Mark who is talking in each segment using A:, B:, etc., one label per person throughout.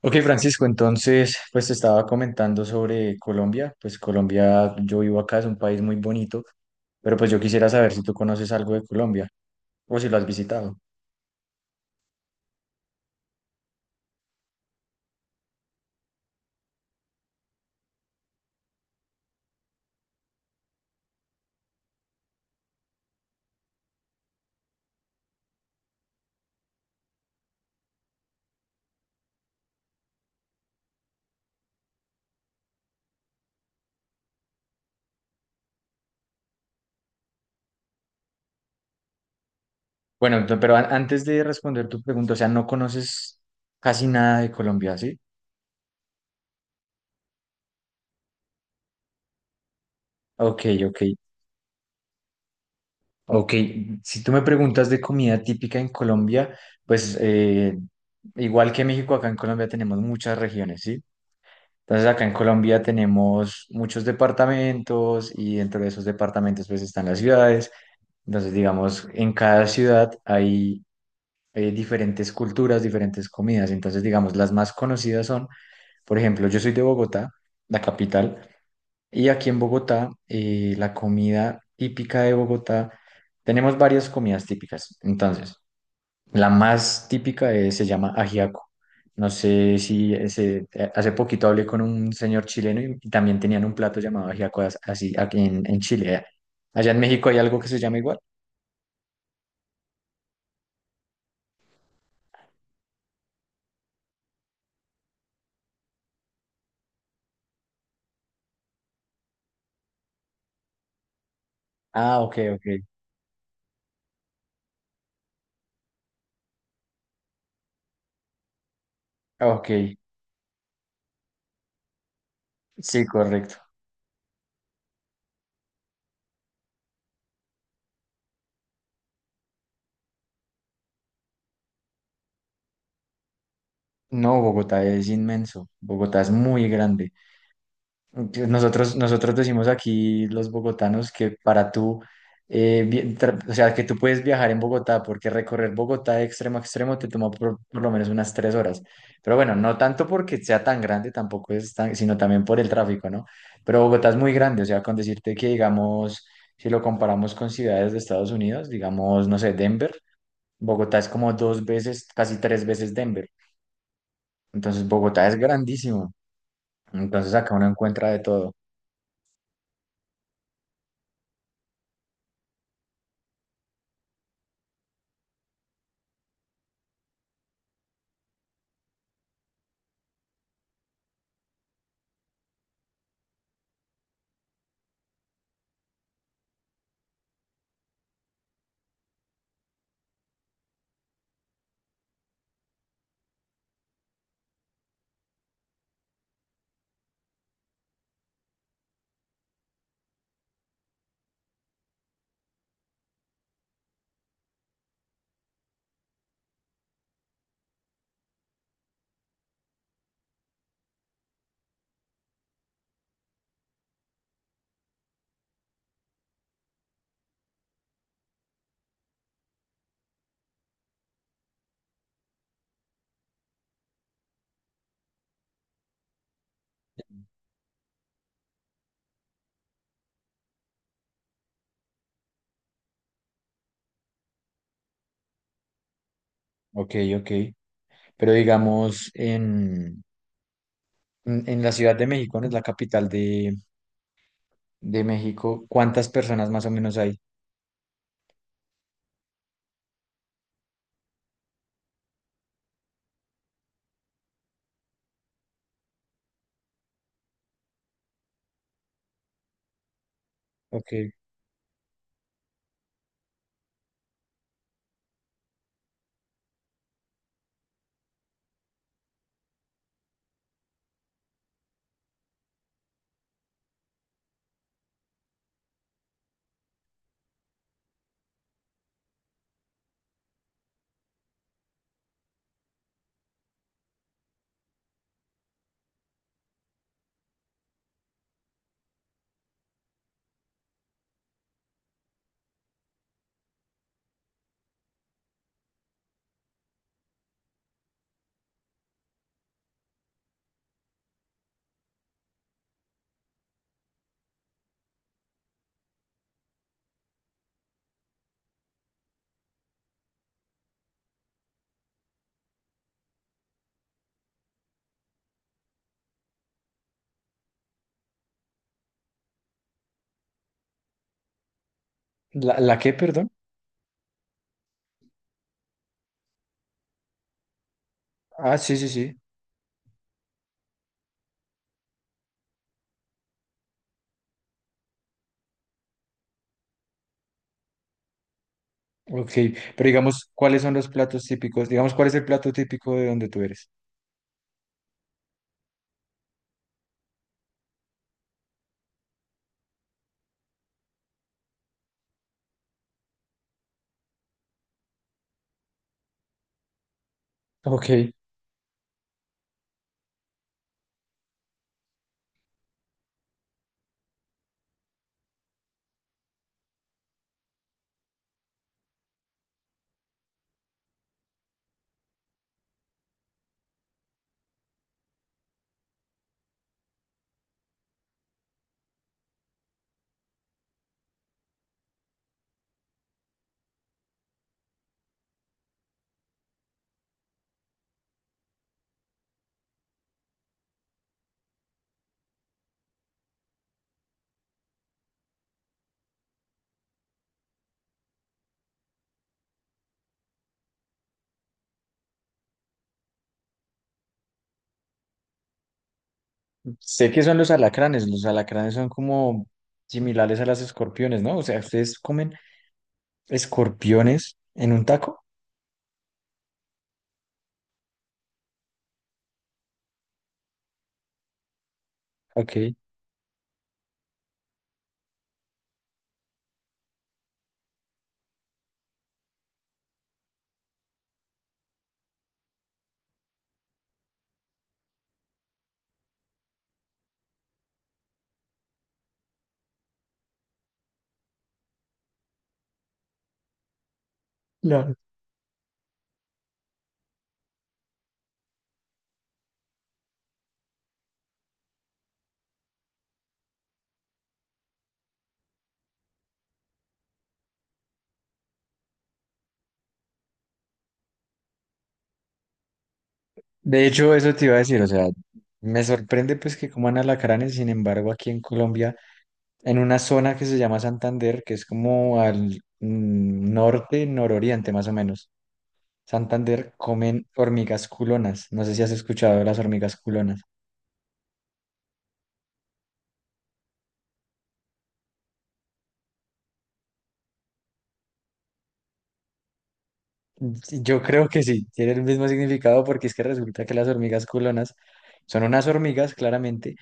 A: Ok, Francisco, entonces, pues te estaba comentando sobre Colombia. Pues Colombia, yo vivo acá, es un país muy bonito, pero pues yo quisiera saber si tú conoces algo de Colombia o si lo has visitado. Bueno, antes de responder tu pregunta, o sea, no conoces casi nada de Colombia, ¿sí? Ok, ok, ok. Si tú me preguntas de comida típica en Colombia, pues igual que México, acá en Colombia tenemos muchas regiones, ¿sí? Entonces acá en Colombia tenemos muchos departamentos y dentro de esos departamentos pues están las ciudades. Entonces digamos, en cada ciudad hay diferentes culturas, diferentes comidas. Entonces digamos, las más conocidas son, por ejemplo, yo soy de Bogotá, la capital, y aquí en Bogotá la comida típica de Bogotá, tenemos varias comidas típicas. Entonces, la más típica es- se llama ajiaco. No sé si ese- Hace poquito hablé con un señor chileno y también tenían un plato llamado ajiaco así aquí en Chile. ¿Eh? Allá en México hay algo que se llama igual. Ah, ok, ok. Ok, sí, correcto. No, Bogotá es inmenso. Bogotá es muy grande. Nosotros decimos aquí los bogotanos que para tú, o sea, que tú puedes viajar en Bogotá, porque recorrer Bogotá de extremo a extremo te toma por lo menos unas 3 horas. Pero bueno, no tanto porque sea tan grande, tampoco es tan, sino también por el tráfico, ¿no? Pero Bogotá es muy grande, o sea, con decirte que, digamos, si lo comparamos con ciudades de Estados Unidos, digamos, no sé, Denver, Bogotá es como dos veces, casi tres veces Denver. Entonces, Bogotá es grandísimo. Entonces, acá uno encuentra de todo. Ok, ok. Pero digamos, en la Ciudad de México, ¿no? Es la capital de México. ¿Cuántas personas más o menos hay? Ok. ¿La, la qué, perdón? Ah, sí, sí, sí. Ok. Pero digamos, ¿cuáles son los platos típicos? Digamos, ¿cuál es el plato típico de donde tú eres? Ok. Sé que son los alacranes. Los alacranes son como similares a las escorpiones, ¿no? O sea, ¿ustedes comen escorpiones en un taco? Ok. De hecho, eso te iba a decir, o sea, me sorprende pues que coman alacranes, sin embargo, aquí en Colombia, en una zona que se llama Santander, que es como al norte, nororiente más o menos, Santander comen hormigas culonas. No sé si has escuchado de las hormigas culonas. Yo creo que sí, tiene el mismo significado porque es que resulta que las hormigas culonas son unas hormigas, claramente,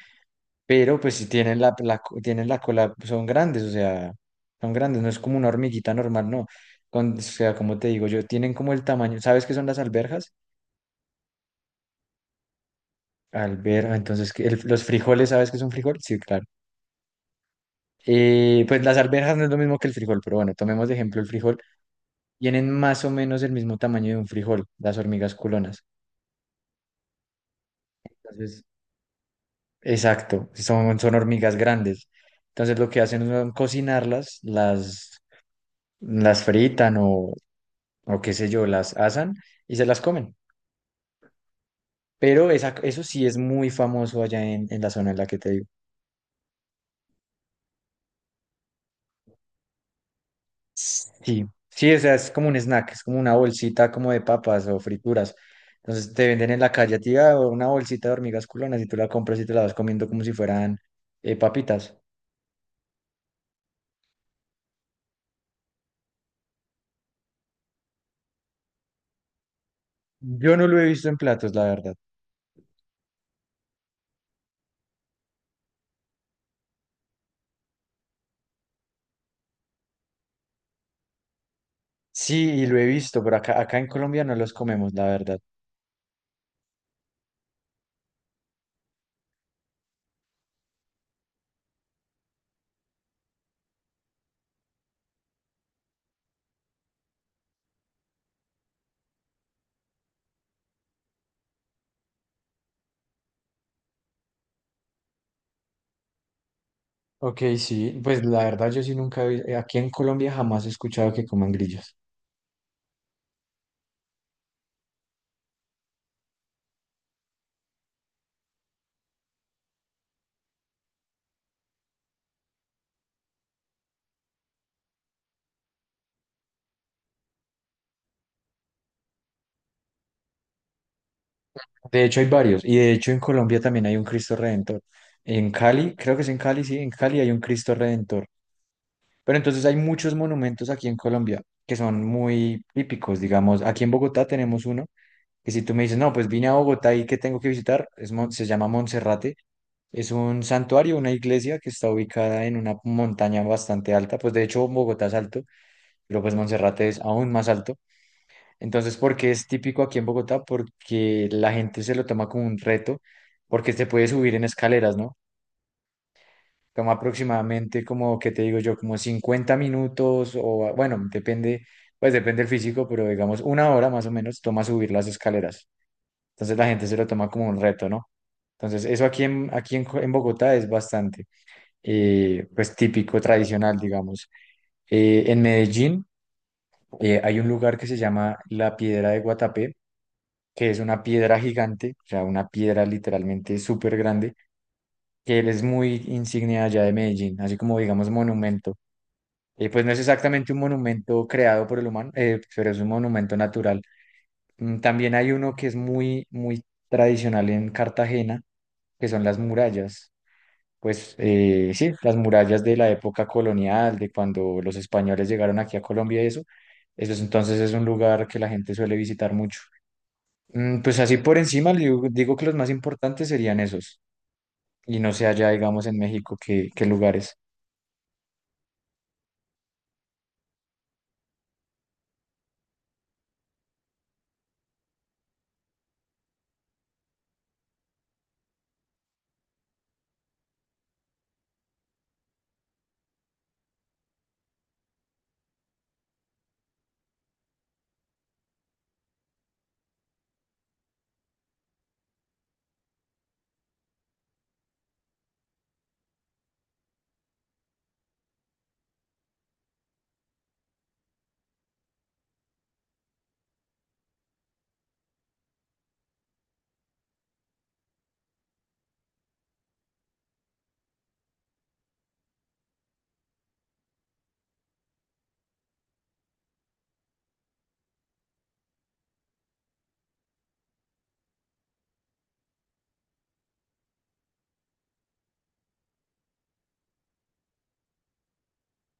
A: pero pues si tienen tienen la cola, son grandes, o sea, son grandes, no es como una hormiguita normal, no. O sea, como te digo yo, tienen como el tamaño, ¿sabes qué son las alberjas? Alberja, entonces, ¿los frijoles, ¿sabes qué es un frijol? Sí, claro. Pues las alberjas no es lo mismo que el frijol, pero bueno, tomemos de ejemplo el frijol. Tienen más o menos el mismo tamaño de un frijol, las hormigas culonas. Entonces, exacto, son hormigas grandes. Entonces, lo que hacen es cocinarlas, las fritan o qué sé yo, las asan y se las comen. Pero esa, eso sí es muy famoso allá en la zona en la que te digo. Sí, sí, o sea, es como un snack, es como una bolsita como de papas o frituras. Entonces te venden en la calle a ti una bolsita de hormigas culonas y tú la compras y te la vas comiendo como si fueran papitas. Yo no lo he visto en platos, la verdad. Sí, y lo he visto, pero acá en Colombia no los comemos, la verdad. Ok, sí, pues la verdad yo sí nunca he vi- aquí en Colombia jamás he escuchado que coman grillos. De hecho, hay varios. Y de hecho, en Colombia también hay un Cristo Redentor. En Cali, creo que es en Cali, sí, en Cali hay un Cristo Redentor. Pero entonces hay muchos monumentos aquí en Colombia que son muy típicos, digamos. Aquí en Bogotá tenemos uno que si tú me dices, no, pues vine a Bogotá y ¿qué tengo que visitar? Se llama Monserrate. Es un santuario, una iglesia que está ubicada en una montaña bastante alta. Pues de hecho, Bogotá es alto, pero pues Monserrate es aún más alto. Entonces, ¿por qué es típico aquí en Bogotá? Porque la gente se lo toma como un reto, porque se puede subir en escaleras, ¿no? Toma aproximadamente como, ¿qué te digo yo? Como 50 minutos o, bueno, depende, pues depende del físico, pero digamos una hora más o menos toma subir las escaleras. Entonces la gente se lo toma como un reto, ¿no? Entonces, eso en Bogotá es bastante, pues típico, tradicional, digamos. En Medellín hay un lugar que se llama La Piedra de Guatapé que es una piedra gigante, o sea, una piedra literalmente súper grande, que él es muy insignia allá de Medellín, así como digamos monumento. Y pues no es exactamente un monumento creado por el humano, pero es un monumento natural. Mm, también hay uno que es muy tradicional en Cartagena, que son las murallas. Pues sí, las murallas de la época colonial, de cuando los españoles llegaron aquí a Colombia y eso. Eso es, entonces es un lugar que la gente suele visitar mucho. Mm, pues así por encima, le digo que los más importantes serían esos. Y no sé allá, digamos, en México, qué, qué lugares.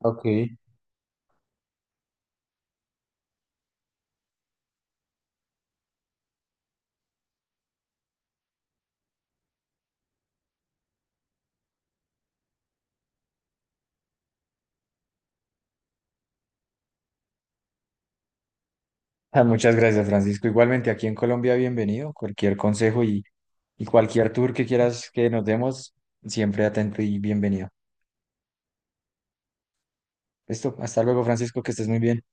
A: Ok. Ah, muchas gracias, Francisco. Igualmente, aquí en Colombia, bienvenido. Cualquier consejo y cualquier tour que quieras que nos demos, siempre atento y bienvenido. Listo, hasta luego, Francisco, que estés muy bien.